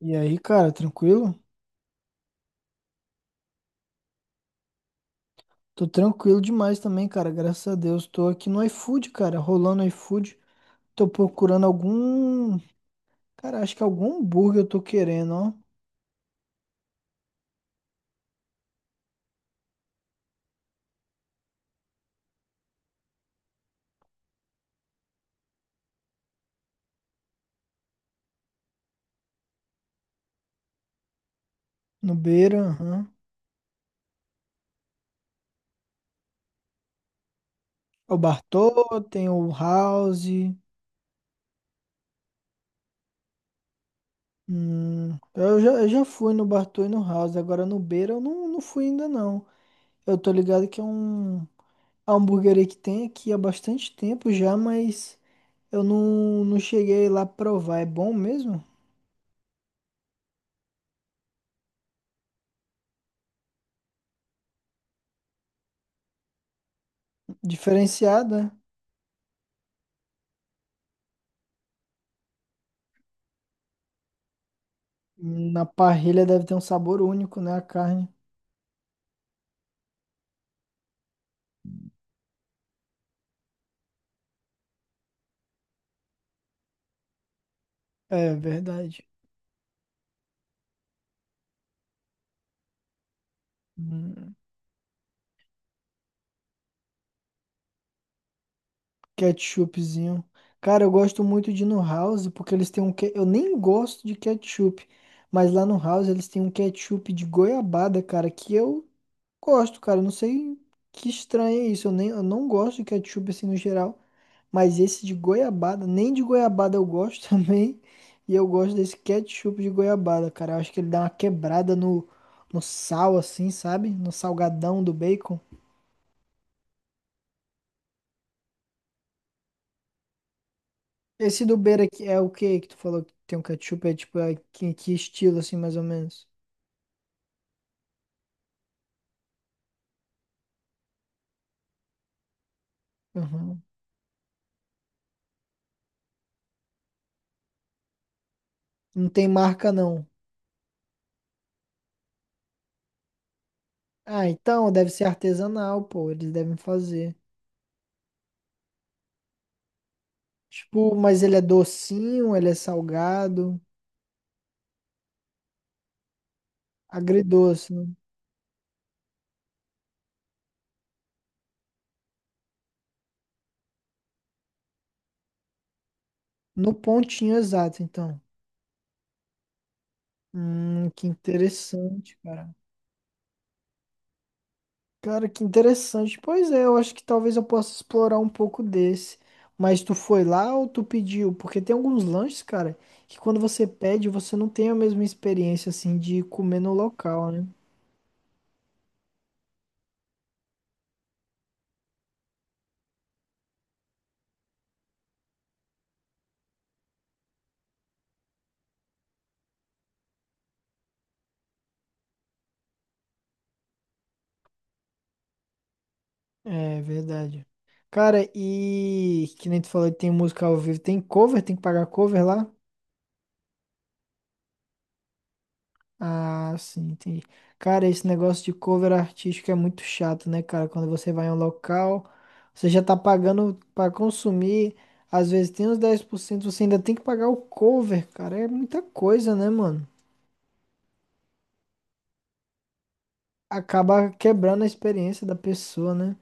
E aí, cara, tranquilo? Tô tranquilo demais também, cara, graças a Deus. Tô aqui no iFood, cara, rolando iFood. Tô procurando algum. Cara, acho que algum hambúrguer eu tô querendo, ó. No Beira, aham. É o Bartô, tem o House. Eu já fui no Bartô e no House, agora no Beira eu não fui ainda não. Eu tô ligado que é um a hamburgueria que tem aqui há bastante tempo já, mas eu não cheguei lá provar. É bom mesmo? Diferenciada? Na parrilha deve ter um sabor único, né? A carne. É verdade. Hum, ketchupzinho. Cara, eu gosto muito de ir no House, porque eles eu nem gosto de ketchup, mas lá no House eles têm um ketchup de goiabada, cara, que eu gosto, cara. Não sei que estranho é isso. Eu não gosto de ketchup assim no geral. Mas esse de goiabada, nem de goiabada eu gosto também. E eu gosto desse ketchup de goiabada, cara. Eu acho que ele dá uma quebrada no sal, assim, sabe? No salgadão do bacon. Esse do Beira aqui é o que que tu falou que tem um ketchup? É tipo, que estilo, assim, mais ou menos? Uhum. Não tem marca, não. Ah, então deve ser artesanal, pô. Eles devem fazer. Tipo, mas ele é docinho, ele é salgado, agridoce, né? No pontinho exato, então. Que interessante, cara. Cara, que interessante. Pois é, eu acho que talvez eu possa explorar um pouco desse. Mas tu foi lá ou tu pediu? Porque tem alguns lanches, cara, que quando você pede, você não tem a mesma experiência, assim, de comer no local, né? É verdade. Cara, e que nem tu falou que tem música ao vivo, tem cover, tem que pagar cover lá? Ah, sim, entendi. Cara, esse negócio de cover artístico é muito chato, né, cara? Quando você vai em um local, você já tá pagando pra consumir, às vezes tem uns 10%. Você ainda tem que pagar o cover, cara. É muita coisa, né, mano? Acaba quebrando a experiência da pessoa, né?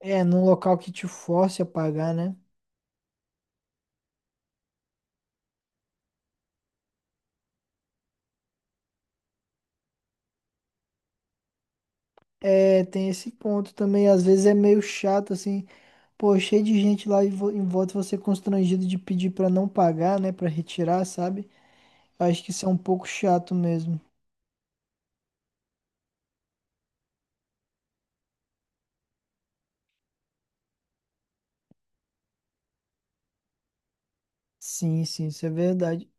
É, num local que te force a pagar, né? É, tem esse ponto também. Às vezes é meio chato, assim, pô, cheio de gente lá e em volta você constrangido de pedir pra não pagar, né? Pra retirar, sabe? Acho que isso é um pouco chato mesmo. Sim, sim, isso é verdade.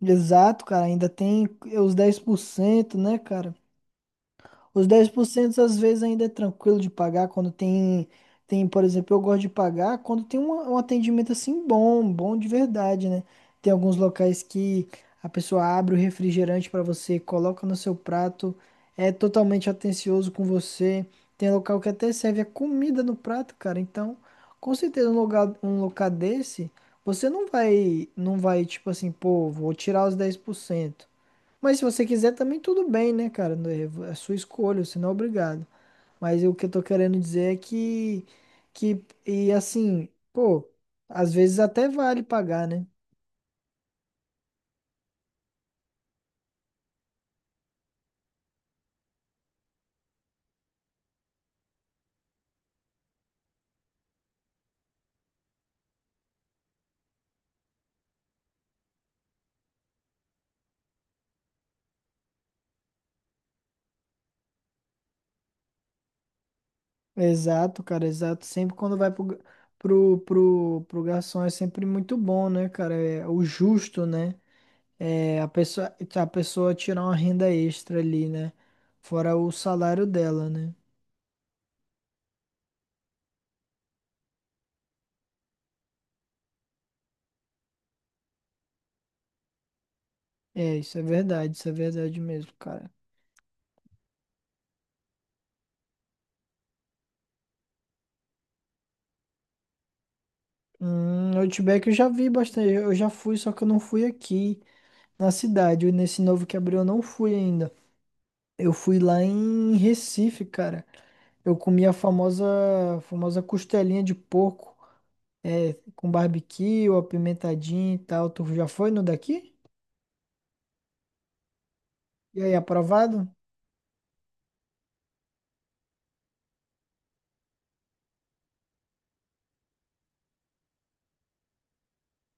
Exato, cara, ainda tem é, os 10%, né, cara? Os dez por cento às vezes ainda é tranquilo de pagar quando tem, por exemplo, eu gosto de pagar quando tem um atendimento assim bom, bom de verdade, né? Tem alguns locais que a pessoa abre o refrigerante para você, coloca no seu prato, é totalmente atencioso com você. Tem local que até serve a comida no prato, cara. Então, com certeza um lugar, um local desse, você não vai tipo assim, pô, vou tirar os 10%, mas se você quiser também tudo bem, né, cara? Não, é é sua escolha, você não é obrigado. Mas o que eu tô querendo dizer é que e assim, pô, às vezes até vale pagar, né? Exato, cara, exato. Sempre quando vai pro, ga- pro, pro, pro garçom é sempre muito bom, né, cara? É o justo, né? É a pessoa tirar uma renda extra ali, né? Fora o salário dela, né? É, isso é verdade mesmo, cara. Outback eu já vi bastante. Eu já fui, só que eu não fui aqui na cidade. E nesse novo que abriu eu não fui ainda. Eu fui lá em Recife, cara. Eu comi famosa costelinha de porco, é, com barbecue, apimentadinho e tal. Tu já foi no daqui? E aí, aprovado?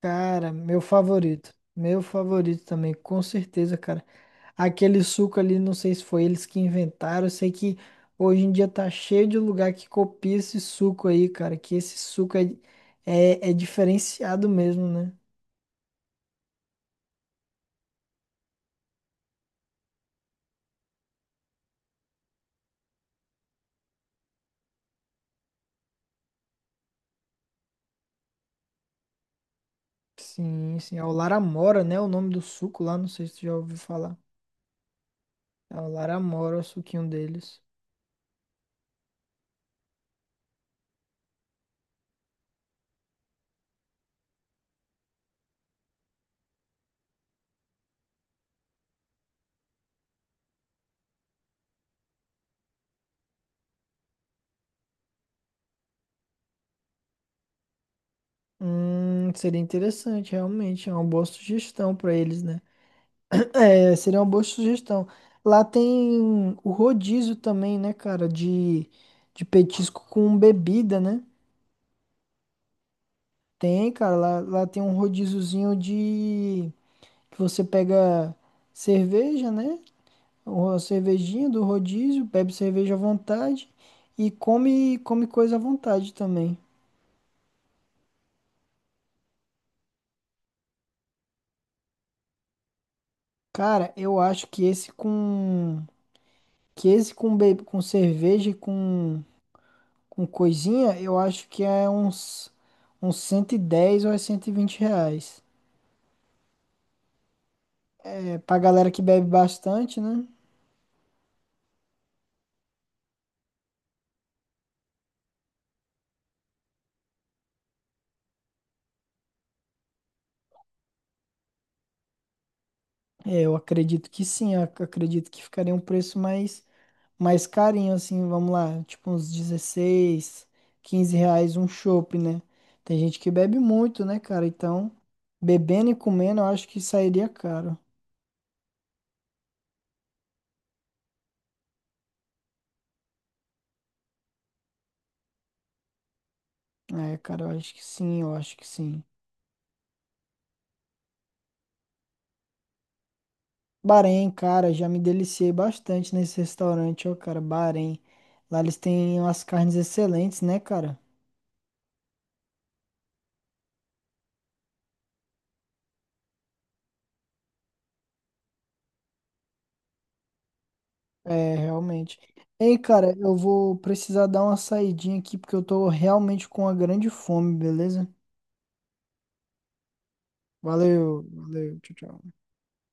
Cara, meu favorito. Meu favorito também, com certeza, cara. Aquele suco ali, não sei se foi eles que inventaram. Eu sei que hoje em dia tá cheio de lugar que copia esse suco aí, cara. Que esse suco é diferenciado mesmo, né? Sim, sim. É o Laramora, né? O nome do suco lá, não sei se tu já ouviu falar. É o Laramora, o suquinho deles. Seria interessante, realmente. É uma boa sugestão pra eles, né? É, seria uma boa sugestão. Lá tem o rodízio também, né, cara, de petisco com bebida, né? Tem, cara, lá tem um rodíziozinho de que você pega cerveja, né? Ou a cervejinha do rodízio, bebe cerveja à vontade e come coisa à vontade também. Cara, eu acho que esse com com cerveja e com coisinha, eu acho que é uns 110 ou é R$ 120. É, pra galera que bebe bastante, né? É, eu acredito que sim, acredito que ficaria um preço mais carinho, assim, vamos lá, tipo uns 16, R$ 15 um chopp, né? Tem gente que bebe muito, né, cara? Então, bebendo e comendo, eu acho que sairia caro. É, cara, eu acho que sim, eu acho que sim. Bahrein, cara, já me deliciei bastante nesse restaurante, ó, cara, Bahrein. Lá eles têm umas carnes excelentes, né, cara? É, realmente. Ei, cara, eu vou precisar dar uma saidinha aqui porque eu tô realmente com uma grande fome, beleza? Valeu, valeu, tchau, tchau.